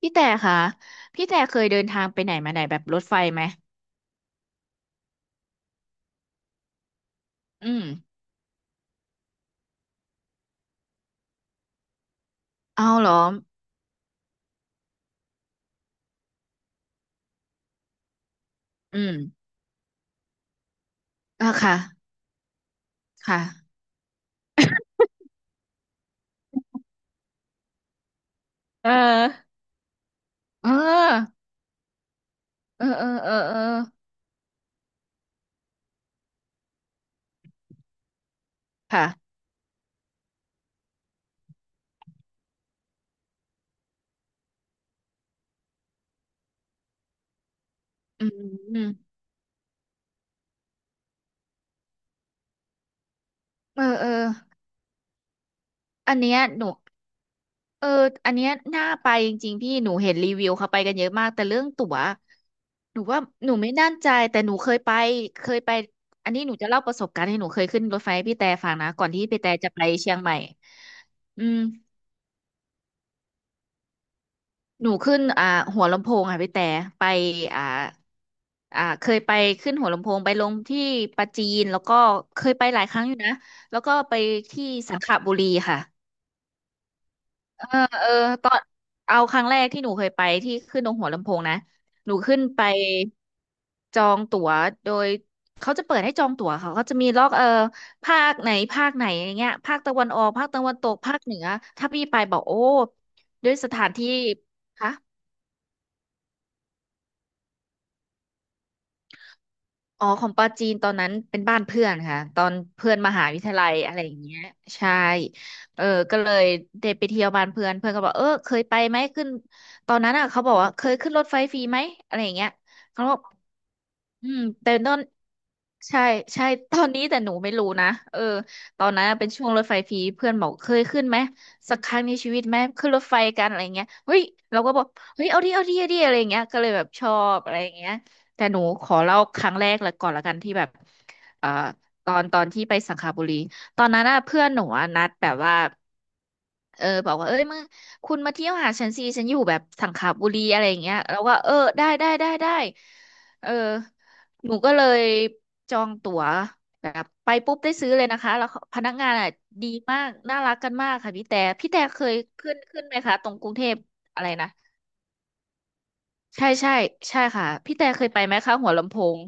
พี่แต่ค่ะพี่แต่เคยเดินทางไปไหนมาไหนแบบรถไฟไหมอืมเอาเหรออืมอ่ะค่ะค่ะเออเออเออเออเออเออค่ะอืมอืมเออเอออันเนี้ยหนูเอออันเนี้ยน่าไปจริงๆพี่หนูเห็นรีวิวเขาไปกันเยอะมากแต่เรื่องตั๋วหนูว่าหนูไม่แน่ใจแต่หนูเคยไปเคยไปอันนี้หนูจะเล่าประสบการณ์ให้หนูเคยขึ้นรถไฟให้พี่แต่ฟังนะก่อนที่พี่แต่จะไปเชียงใหม่อืม หนูขึ้นหัวลำโพงค่ะพี่แต่ไปอ่าเคยไปขึ้นหัวลำโพงไปลงที่ปราจีนแล้วก็เคยไปหลายครั้งอยู่นะแล้วก็ไปที่สังขบุรีค่ะเออเออตอนเอาครั้งแรกที่หนูเคยไปที่ขึ้นตรงหัวลำโพงนะหนูขึ้นไปจองตั๋วโดยเขาจะเปิดให้จองตั๋วเขาก็จะมีล็อกภาคไหนภาคไหนอย่างเงี้ยภาคตะวันออกภาคตะวันตกภาคเหนือถ้าพี่ไปบอกโอ้ด้วยสถานที่คะ อ๋อของปาจีนตอนนั้นเป็นบ้านเพื่อนค่ะตอนเพื่อนมหาวิทยาลัยอะไรอย่างเงี้ยใช่เออก็เลยได้ไปเที่ยวบ้านเพื่อนเพื่อนก็บอกเออเคยไปไหมขึ้นตอนนั้นอ่ะเขาบอกว่าเคยขึ้นรถไฟฟรีไหมอะไรอย่างเงี้ยเขาบอกอืมแต่ตอนใช่ใช่ ตอนนี้แต่หนูไม่รู้นะเออตอนนั้นอะเป็นช่วงรถไฟฟรีเพื่อนบอกเคยขึ้นไหมสักครั้งในชีวิตไหมขึ้นรถไฟกันอะไรอย่างเงี้ยเฮ้ยเราก็บอกเฮ้ยเอาดิเอาดิเอาดิอะไรอย่างเงี้ยก็เลยแบบชอบอะไรอย่างเงี้ย แต่หนูขอเล่าครั้งแรกแล้วก่อนละกันที่แบบเอ่อตอนที่ไปสังขบุรีตอนนั้นน่ะเพื่อนหนูอะนัดแบบว่าเออบอกว่าเอ้ยมึงคุณมาเที่ยวหาฉันสิฉันอยู่แบบสังขบุรีอะไรอย่างเงี้ยแล้วก็เออได้ได้ได้ได้เออหนูก็เลยจองตั๋วแบบไปปุ๊บได้ซื้อเลยนะคะแล้วพนักงานอ่ะดีมากน่ารักกันมากค่ะพี่แต่พี่แต่เคยขึ้นไหมคะตรงกรุงเทพอะไรนะใช่ใช่ใช่ค่ะพี่แต่เคยไปไหมคะหัวลำโพง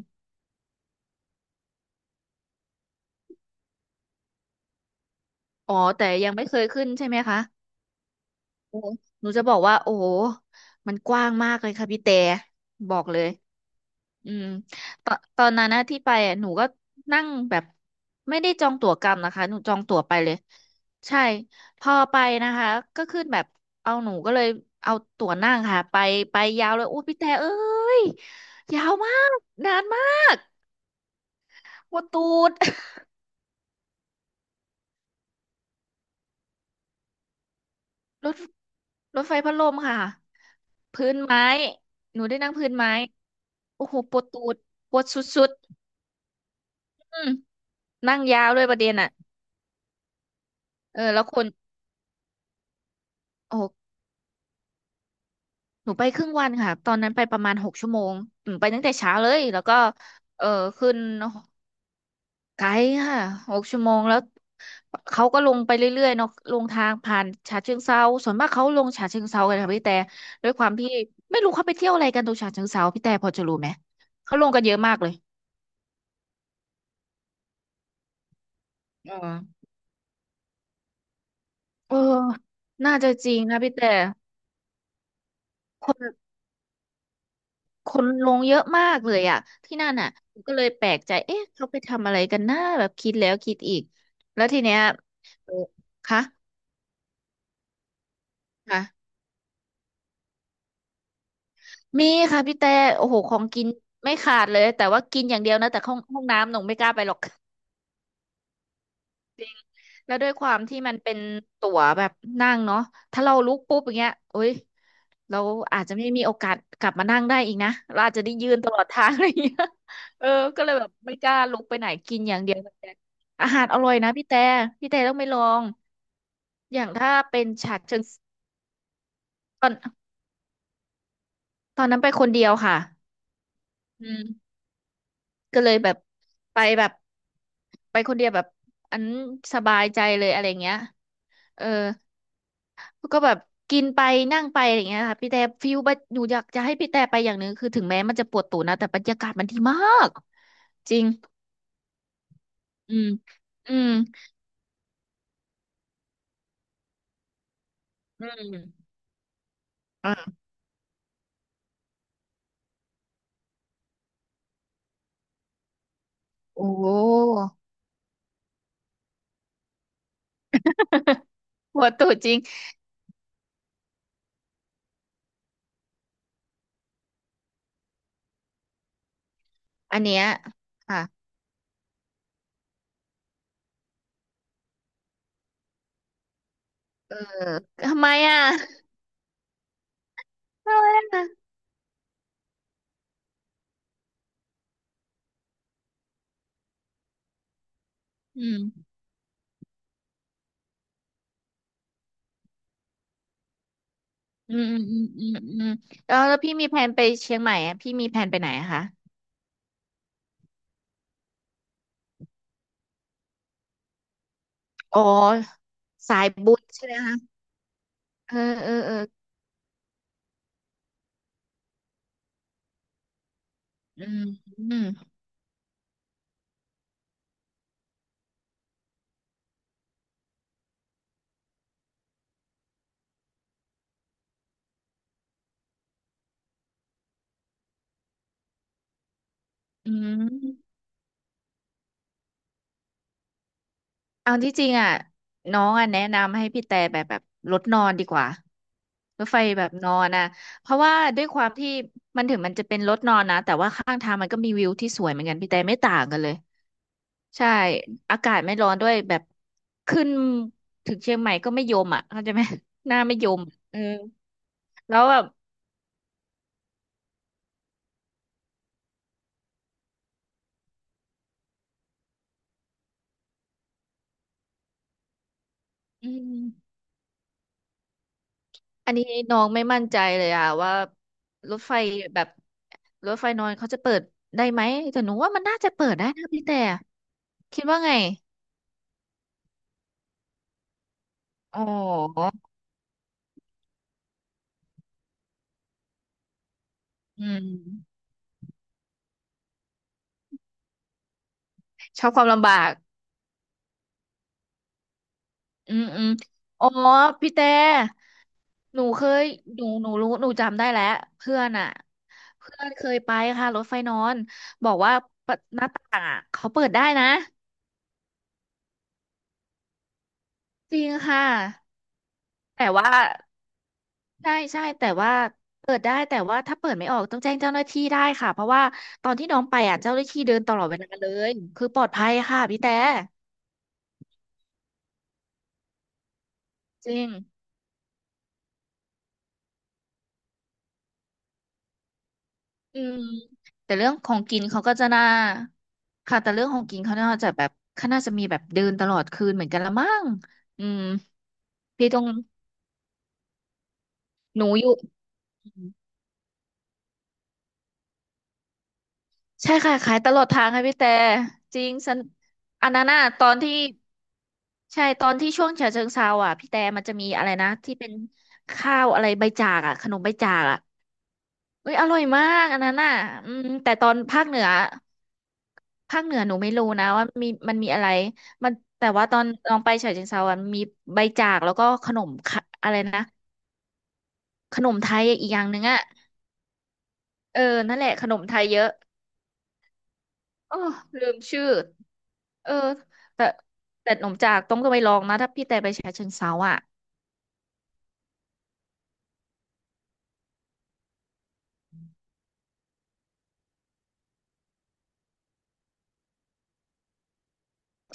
อ๋อแต่ยังไม่เคยขึ้นใช่ไหมคะโอ้โหหนูจะบอกว่าโอ้โหมันกว้างมากเลยค่ะพี่แต่บอกเลยอืมตอนนั้นนะที่ไปอ่ะหนูก็นั่งแบบไม่ได้จองตั๋วกลับนะคะหนูจองตั๋วไปเลยใช่พอไปนะคะก็ขึ้นแบบเอาหนูก็เลยเอาตั๋วนั่งค่ะไปไปยาวเลยโอ้พี่แต่เอ้ยยาวมากนานมากปวดตูด รถรถไฟพัดลมค่ะพื้นไม้หนูได้นั่งพื้นไม้โอ้โหปวดตูดปวดสุดๆอืมนั่งยาวด้วยประเด็นอ่ะเออแล้วคนโอ้โหหนูไปครึ่งวันค่ะตอนนั้นไปประมาณหกชั่วโมงอืมไปตั้งแต่เช้าเลยแล้วก็เออขึ้นไกด์ค่ะหกชั่วโมงแล้วเขาก็ลงไปเรื่อยๆเนาะลงทางผ่านฉะเชิงเทราส่วนมากเขาลงฉะเชิงเทรากันค่ะพี่แต่ด้วยความที่ไม่รู้เขาไปเที่ยวอะไรกันตรงฉะเชิงเทราพี่แต่พอจะรู้ไหมเขาลงกันเยอะมากเลย เออเออน่าจะจริงนะพี่แต่คนคนลงเยอะมากเลยอะที่นั่นอ่ะก็เลยแปลกใจเอ๊ะเขาไปทำอะไรกันนะแบบคิดแล้วคิดอีกแล้วทีเนี้ยเออคะค่ะมีค่ะพี่แต่โอ้โหของกินไม่ขาดเลยแต่ว่ากินอย่างเดียวนะแต่ห้องน้ำหนูไม่กล้าไปหรอก แล้วด้วยความที่มันเป็นตั๋วแบบนั่งเนาะถ้าเราลุกปุ๊บอย่างเงี้ยโอ้ยเราอาจจะไม่มีโอกาสกลับมานั่งได้อีกนะเราอาจจะได้ยืนตลอดทางอะไรอย่างเงี้ย เออก็เลยแบบไม่กล้าลุกไปไหนกินอย่างเดียวแต่อาหารอร่อยนะพี่แต่ พี่แต่ต้องไปลอง อย่างถ้าเป็นฉะเชิงตอนตอนนั้นไปคนเดียวค่ะอืมก็เลยแบบไปแบบไปคนเดียวแบบอันสบายใจเลยอะไรเงี้ยเออ ก็แบบกินไปนั่งไปอะไรอย่างเงี้ยค่ะพี่แต่ฟิลบัดหนูอยากจะให้พี่แต่ไปอย่างหนึ่งคือถึงแม้มันจะปวดตูดนะแต่บรรยากาศมันดีมากจริงอืมอืมอืมอ่ะโอ้โห ปวดตูดจริงอันเนี้ยค่ะเออทำไมอ่ะทำไมอ่ะอืมอืมอืมอืมอืมอืมแล้วแล้วพี่มีแผนไปเชียงใหม่อ่ะพี่มีแผนไปไหนอะคะอ๋อสายบุญใช่ไหมคะเออเออเอออืมอืมอืม เอาที่จริงอ่ะน้องอ่ะแนะนำให้พี่แต่แบบรถนอนดีกว่ารถไฟแบบนอนอ่ะเพราะว่าด้วยความที่มันจะเป็นรถนอนนะแต่ว่าข้างทางมันก็มีวิวที่สวยเหมือนกันพี่แต่ไม่ต่างกันเลยใช่อากาศไม่ร้อนด้วยแบบขึ้นถึงเชียงใหม่ก็ไม่ยมอ่ะเข้าใจไหม หน้าไม่ยมเออแล้วแบบอืม อันนี้น้องไม่มั่นใจเลยอะว่ารถไฟแบบรถไฟนอนเขาจะเปิดได้ไหมแต่หนูว่ามันน่าจะเปิดได้นะพี่แต่คิดว่าไงอ๋ออืมชอบความลำบากอืมอืมอ๋อพี่แต่หนูเคยหนูรู้หนูจำได้แล้วเพื่อนอะเพื่อนเคยไปค่ะรถไฟนอนบอกว่าหน้าต่างอะเขาเปิดได้นะจริงค่ะแต่ว่า ใช่ใช่แต่ว่าเปิดได้แต่ว่าถ้าเปิดไม่ออกต้องแจ้งเจ้าหน้าที่ได้ค่ะเพราะว่าตอนที่น้องไปอ่ะเจ้าหน้าที่เดินตลอดเวลาเลยคือปลอดภัยค่ะพี่แต่จริงอืมแต่เรื่องของกินเขาก็จะน่าค่ะแต่เรื่องของกินเขาน่าจะแบบเขาน่าจะมีแบบเดินตลอดคืนเหมือนกันละมั้งอืมพี่ต้องหนูอยู่ ใช่ค่ะขายตลอดทางค่ะพี่แต่จริงสันอันนั้นน่ะตอนที่ใช่ตอนที่ช่วงฉะเชิงเทราอ่ะพี่แต่มันจะมีอะไรนะที่เป็นข้าวอะไรใบจากอ่ะขนมใบจากอ่ะเอ้ยอร่อยมากอันนั้นน่ะอืมแต่ตอนภาคเหนือภาคเหนือหนูไม่รู้นะว่ามีมันมีอะไรมันแต่ว่าตอนลองไปฉะเชิงเทราอ่ะมีใบจากแล้วก็ขนมขะอะไรนะขนมไทยอีกอย่างหนึ่งอ่ะเออนั่นแหละขนมไทยเยอะโอ้ลืมชื่อ เออแต่แต่หนมจากต้องก็ไปลองนะถ้าพี่แต่ไปฉะเชิงเทราอ่ะ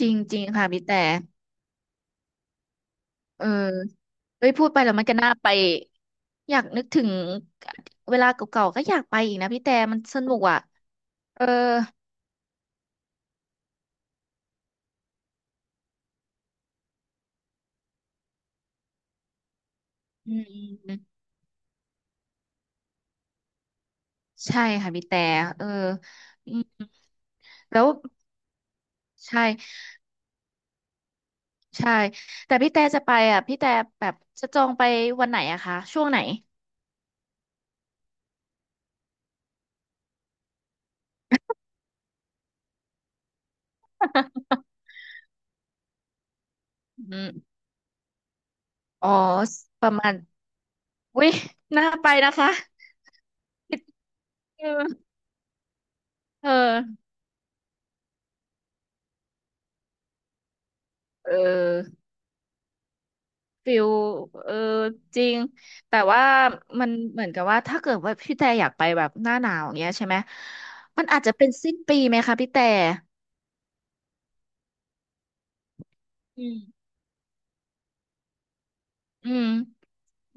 จริงจริงค่ะพี่แต่เออเอ้ยพูดไปแล้วมันก็น่าไปอยากนึกถึงเวลาเก่าๆก็อยากไปอีกนะพี่แต่มันสนุกอ่ะเอออืมอืมใช่ค่ะพี่แต่เอออืมแล้วใช่ใช่แต่พี่แต่จะไปอ่ะพี่แต่แบบจะจองไปวันไหนอะคะช่วงไหนอืมอ๋อประมาณวิน่าไปนะคะเออเออ เออฟิลเออจริงแต่ว่ามันเหมือนกับว่าถ้าเกิดว่าพี่แต่อยากไปแบบหน้าหนาวอย่างเงี้ยใช่ไหมมันอาจจะเป็นสิ้นปีไหมคะพี่แต่อืมอืม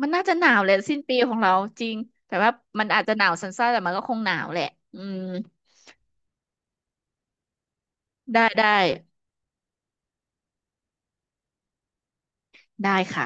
มันน่าจะหนาวแหละสิ้นปีของเราจริงแต่ว่ามันอาจจะหนาวสั้นๆแต่มันก็คงหนาวแหละอืมได้ได้ได้ค่ะ